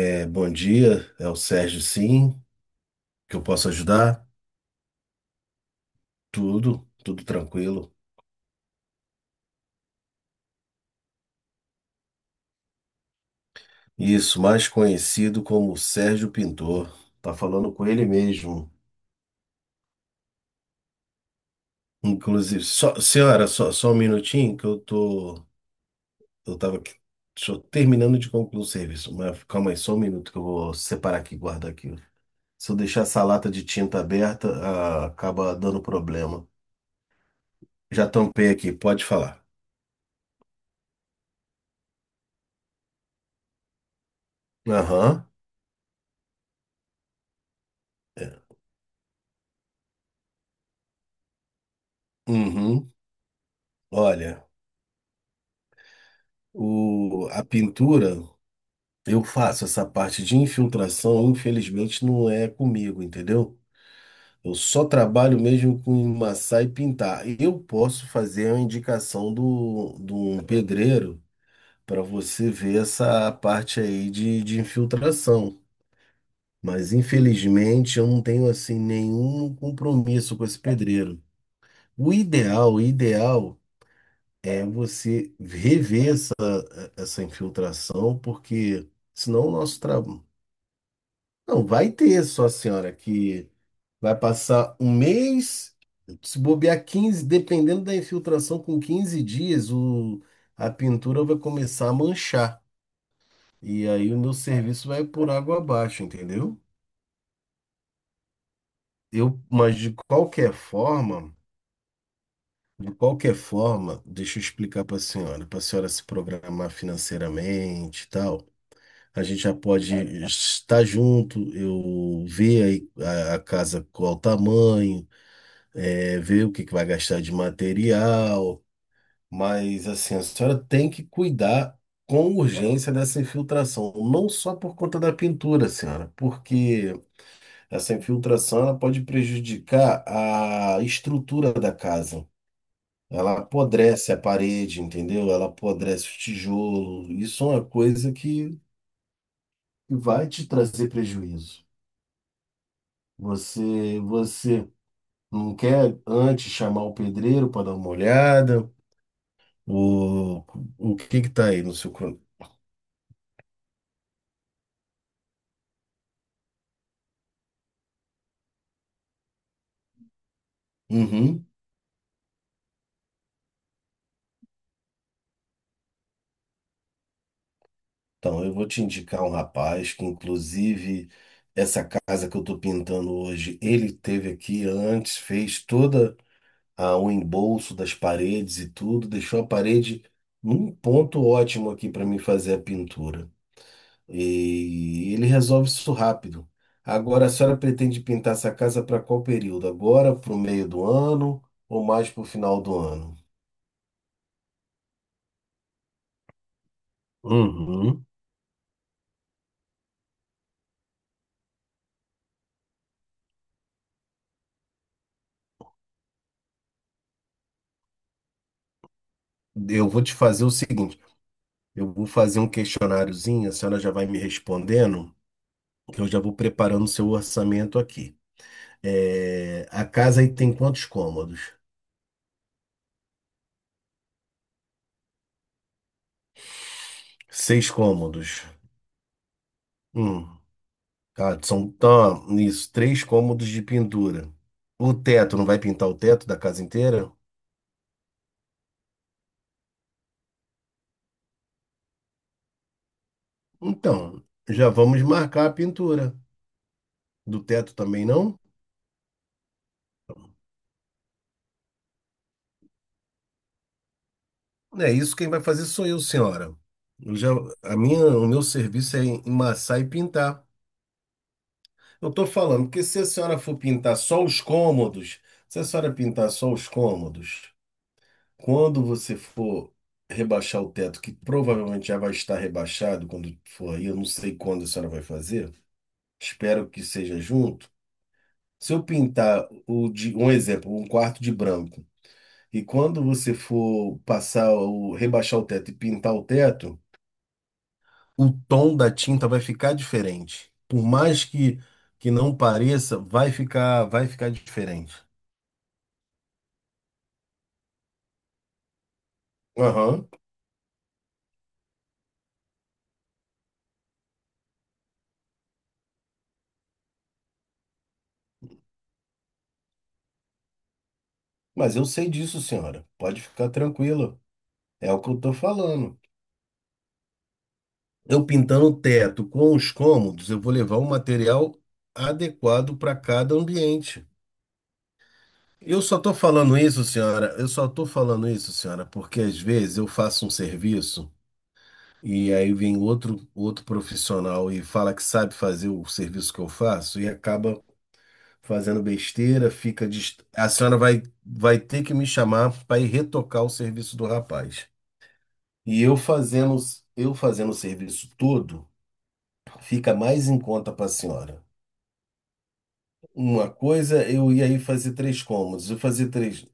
É, bom dia, é o Sérgio, sim, que eu posso ajudar? Tudo, tudo tranquilo. Isso, mais conhecido como Sérgio Pintor. Tá falando com ele mesmo. Inclusive, só, senhora, só um minutinho que eu tava aqui, só terminando de concluir o serviço, mas calma aí, só um minuto que eu vou separar aqui e guardar aqui. Se eu deixar essa lata de tinta aberta, acaba dando problema. Já tampei aqui, pode falar. Aham. É. Uhum. Olha. A pintura, eu faço essa parte de infiltração, infelizmente não é comigo, entendeu? Eu só trabalho mesmo com emassar e pintar. Eu posso fazer a indicação de um pedreiro para você ver essa parte aí de infiltração. Mas infelizmente eu não tenho assim nenhum compromisso com esse pedreiro. O ideal é você rever essa infiltração, porque senão o nosso trabalho. Não, vai ter só a senhora que vai passar um mês, se bobear 15, dependendo da infiltração, com 15 dias, a pintura vai começar a manchar. E aí o meu serviço vai por água abaixo, entendeu? Mas de qualquer forma, deixa eu explicar para a senhora, se programar financeiramente e tal. A gente já pode estar junto, eu ver aí a casa qual o tamanho, ver o que que vai gastar de material, mas assim, a senhora tem que cuidar com urgência dessa infiltração, não só por conta da pintura, senhora, porque essa infiltração ela pode prejudicar a estrutura da casa. Ela apodrece a parede, entendeu? Ela apodrece o tijolo. Isso é uma coisa que vai te trazer prejuízo. Você não quer antes chamar o pedreiro para dar uma olhada? O, o que que tá aí no seu crono? Uhum. Então, eu vou te indicar um rapaz que, inclusive, essa casa que eu estou pintando hoje, ele teve aqui antes, fez toda o embolso das paredes e tudo, deixou a parede num ponto ótimo aqui para mim fazer a pintura. E ele resolve isso rápido. Agora, a senhora pretende pintar essa casa para qual período? Agora, para o meio do ano ou mais para o final do ano? Uhum. Eu vou te fazer o seguinte: eu vou fazer um questionáriozinho, a senhora já vai me respondendo, que eu já vou preparando o seu orçamento aqui. É, a casa aí tem quantos cômodos? Seis cômodos. Hum. Ah, são tá, isso, três cômodos de pintura. O teto, não vai pintar o teto da casa inteira? Então, já vamos marcar a pintura do teto também, não? É isso quem vai fazer sou eu, senhora. Eu já, a minha, o meu serviço é emassar e pintar. Eu tô falando que se a senhora for pintar só os cômodos, se a senhora pintar só os cômodos, quando você for rebaixar o teto, que provavelmente já vai estar rebaixado quando for aí, eu não sei quando a senhora vai fazer, espero que seja junto. Se eu pintar um exemplo, um quarto de branco. E quando você for passar o rebaixar o teto e pintar o teto, o tom da tinta vai ficar diferente. Por mais que não pareça, vai ficar diferente. Aham. Mas eu sei disso, senhora. Pode ficar tranquila. É o que eu tô falando. Eu pintando o teto com os cômodos, eu vou levar um material adequado para cada ambiente. Eu só tô falando isso, senhora. Eu só tô falando isso, senhora, porque às vezes eu faço um serviço. E aí vem outro profissional e fala que sabe fazer o serviço que eu faço e acaba fazendo besteira, a senhora vai ter que me chamar para ir retocar o serviço do rapaz. E eu fazendo, eu fazendo o serviço todo, fica mais em conta para a senhora. Uma coisa, eu ia aí fazer três cômodos, eu fazer três.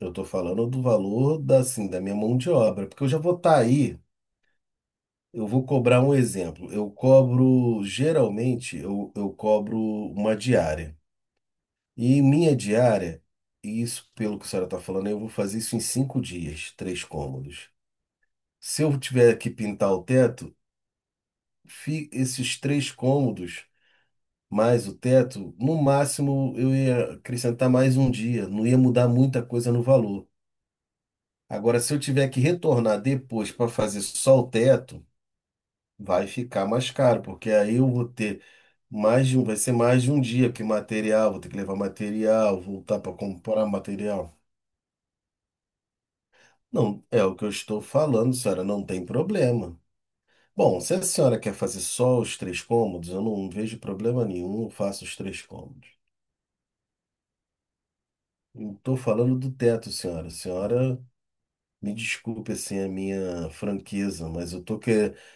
Eu estou falando do valor da, assim, da minha mão de obra, porque eu já vou estar aí. Eu vou cobrar um exemplo. Eu cobro, geralmente, eu cobro uma diária. E minha diária, e isso pelo que a senhora está falando, eu vou fazer isso em 5 dias, três cômodos. Se eu tiver que pintar o teto, esses três cômodos mais o teto, no máximo eu ia acrescentar mais um dia, não ia mudar muita coisa no valor. Agora, se eu tiver que retornar depois para fazer só o teto, vai ficar mais caro, porque aí eu vou ter mais de um, vai ser mais de um dia, porque material, vou ter que levar material, voltar para comprar material. Não, é o que eu estou falando, senhora, não tem problema. Bom, se a senhora quer fazer só os três cômodos, eu não vejo problema nenhum, eu faço os três cômodos. Estou falando do teto, senhora. Senhora, me desculpe assim a minha franqueza, mas eu tô que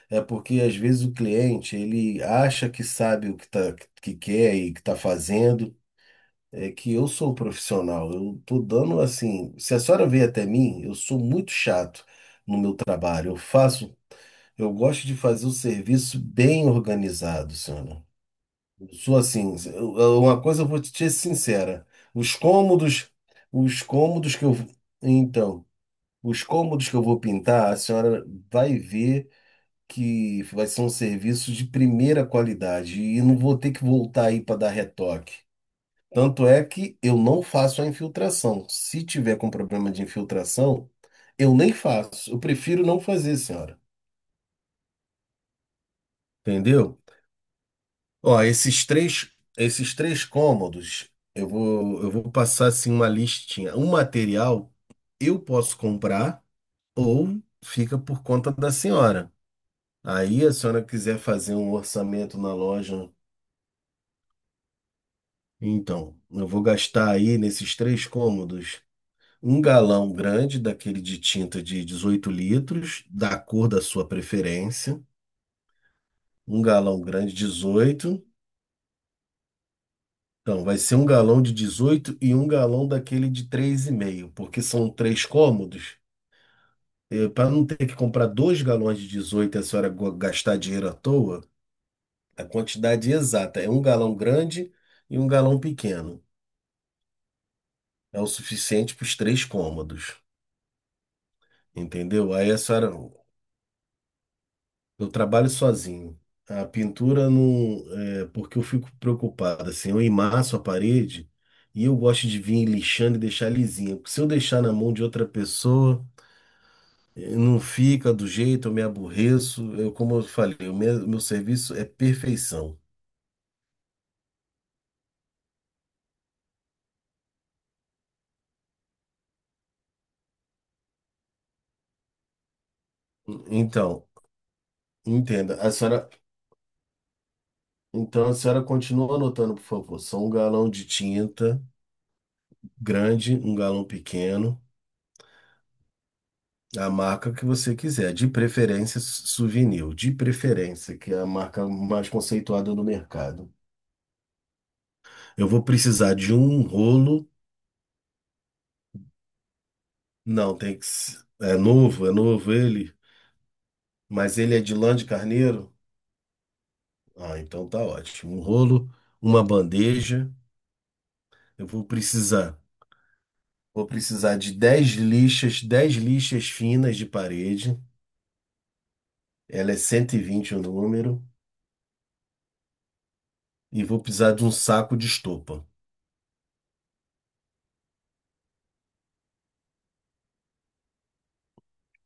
é porque às vezes o cliente ele acha que sabe o que tá que quer e que está fazendo. É que eu sou um profissional, eu tô dando assim. Se a senhora veio até mim, eu sou muito chato no meu trabalho. Eu faço, eu gosto de fazer o serviço bem organizado, senhora. Eu sou assim, uma coisa eu vou te ser sincera. Os cômodos, os cômodos que eu, então, os cômodos que eu vou pintar, a senhora vai ver que vai ser um serviço de primeira qualidade e não vou ter que voltar aí para dar retoque. Tanto é que eu não faço a infiltração. Se tiver com problema de infiltração, eu nem faço. Eu prefiro não fazer, senhora. Entendeu? Ó, esses três cômodos, eu vou passar assim uma listinha. Um material eu posso comprar ou fica por conta da senhora. Aí a senhora quiser fazer um orçamento na loja, então, eu vou gastar aí nesses três cômodos: um galão grande daquele de tinta de 18 litros, da cor da sua preferência. Um galão grande, 18. Então, vai ser um galão de 18 e um galão daquele de 3,5 porque são três cômodos. Para não ter que comprar dois galões de 18 e a senhora gastar dinheiro à toa, a quantidade exata é um galão grande e um galão pequeno. É o suficiente para os três cômodos, entendeu? Aí a senhora. Eu trabalho sozinho. A pintura não, é, porque eu fico preocupado, assim, eu emasso a parede e eu gosto de vir lixando e deixar lisinha. Porque se eu deixar na mão de outra pessoa, não fica do jeito, eu me aborreço. Eu, como eu falei, meu serviço é perfeição. Então, entenda, a senhora, então a senhora continua anotando, por favor. São um galão de tinta grande, um galão pequeno. A marca que você quiser, de preferência souvenir, de preferência, que é a marca mais conceituada no mercado. Eu vou precisar de um rolo, não, tem que, é novo ele, mas ele é de lã de carneiro. Ah, então tá ótimo. Um rolo, uma bandeja, eu vou precisar. Vou precisar de 10 lixas finas de parede. Ela é 120 o número e vou precisar de um saco de estopa.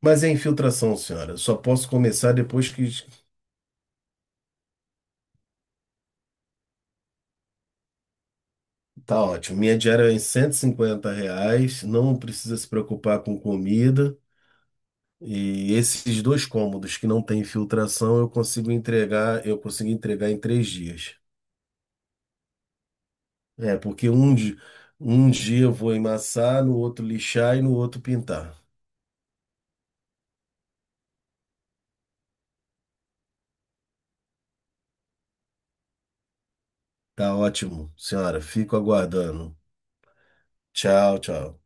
Mas é infiltração, senhora. Só posso começar depois que tá ótimo. Minha diária é em R$ 150, não precisa se preocupar com comida. E esses dois cômodos que não tem infiltração, eu consigo entregar em 3 dias. É, porque um, um dia eu vou emassar, no outro lixar e no outro pintar. Tá ótimo, senhora. Fico aguardando. Tchau, tchau.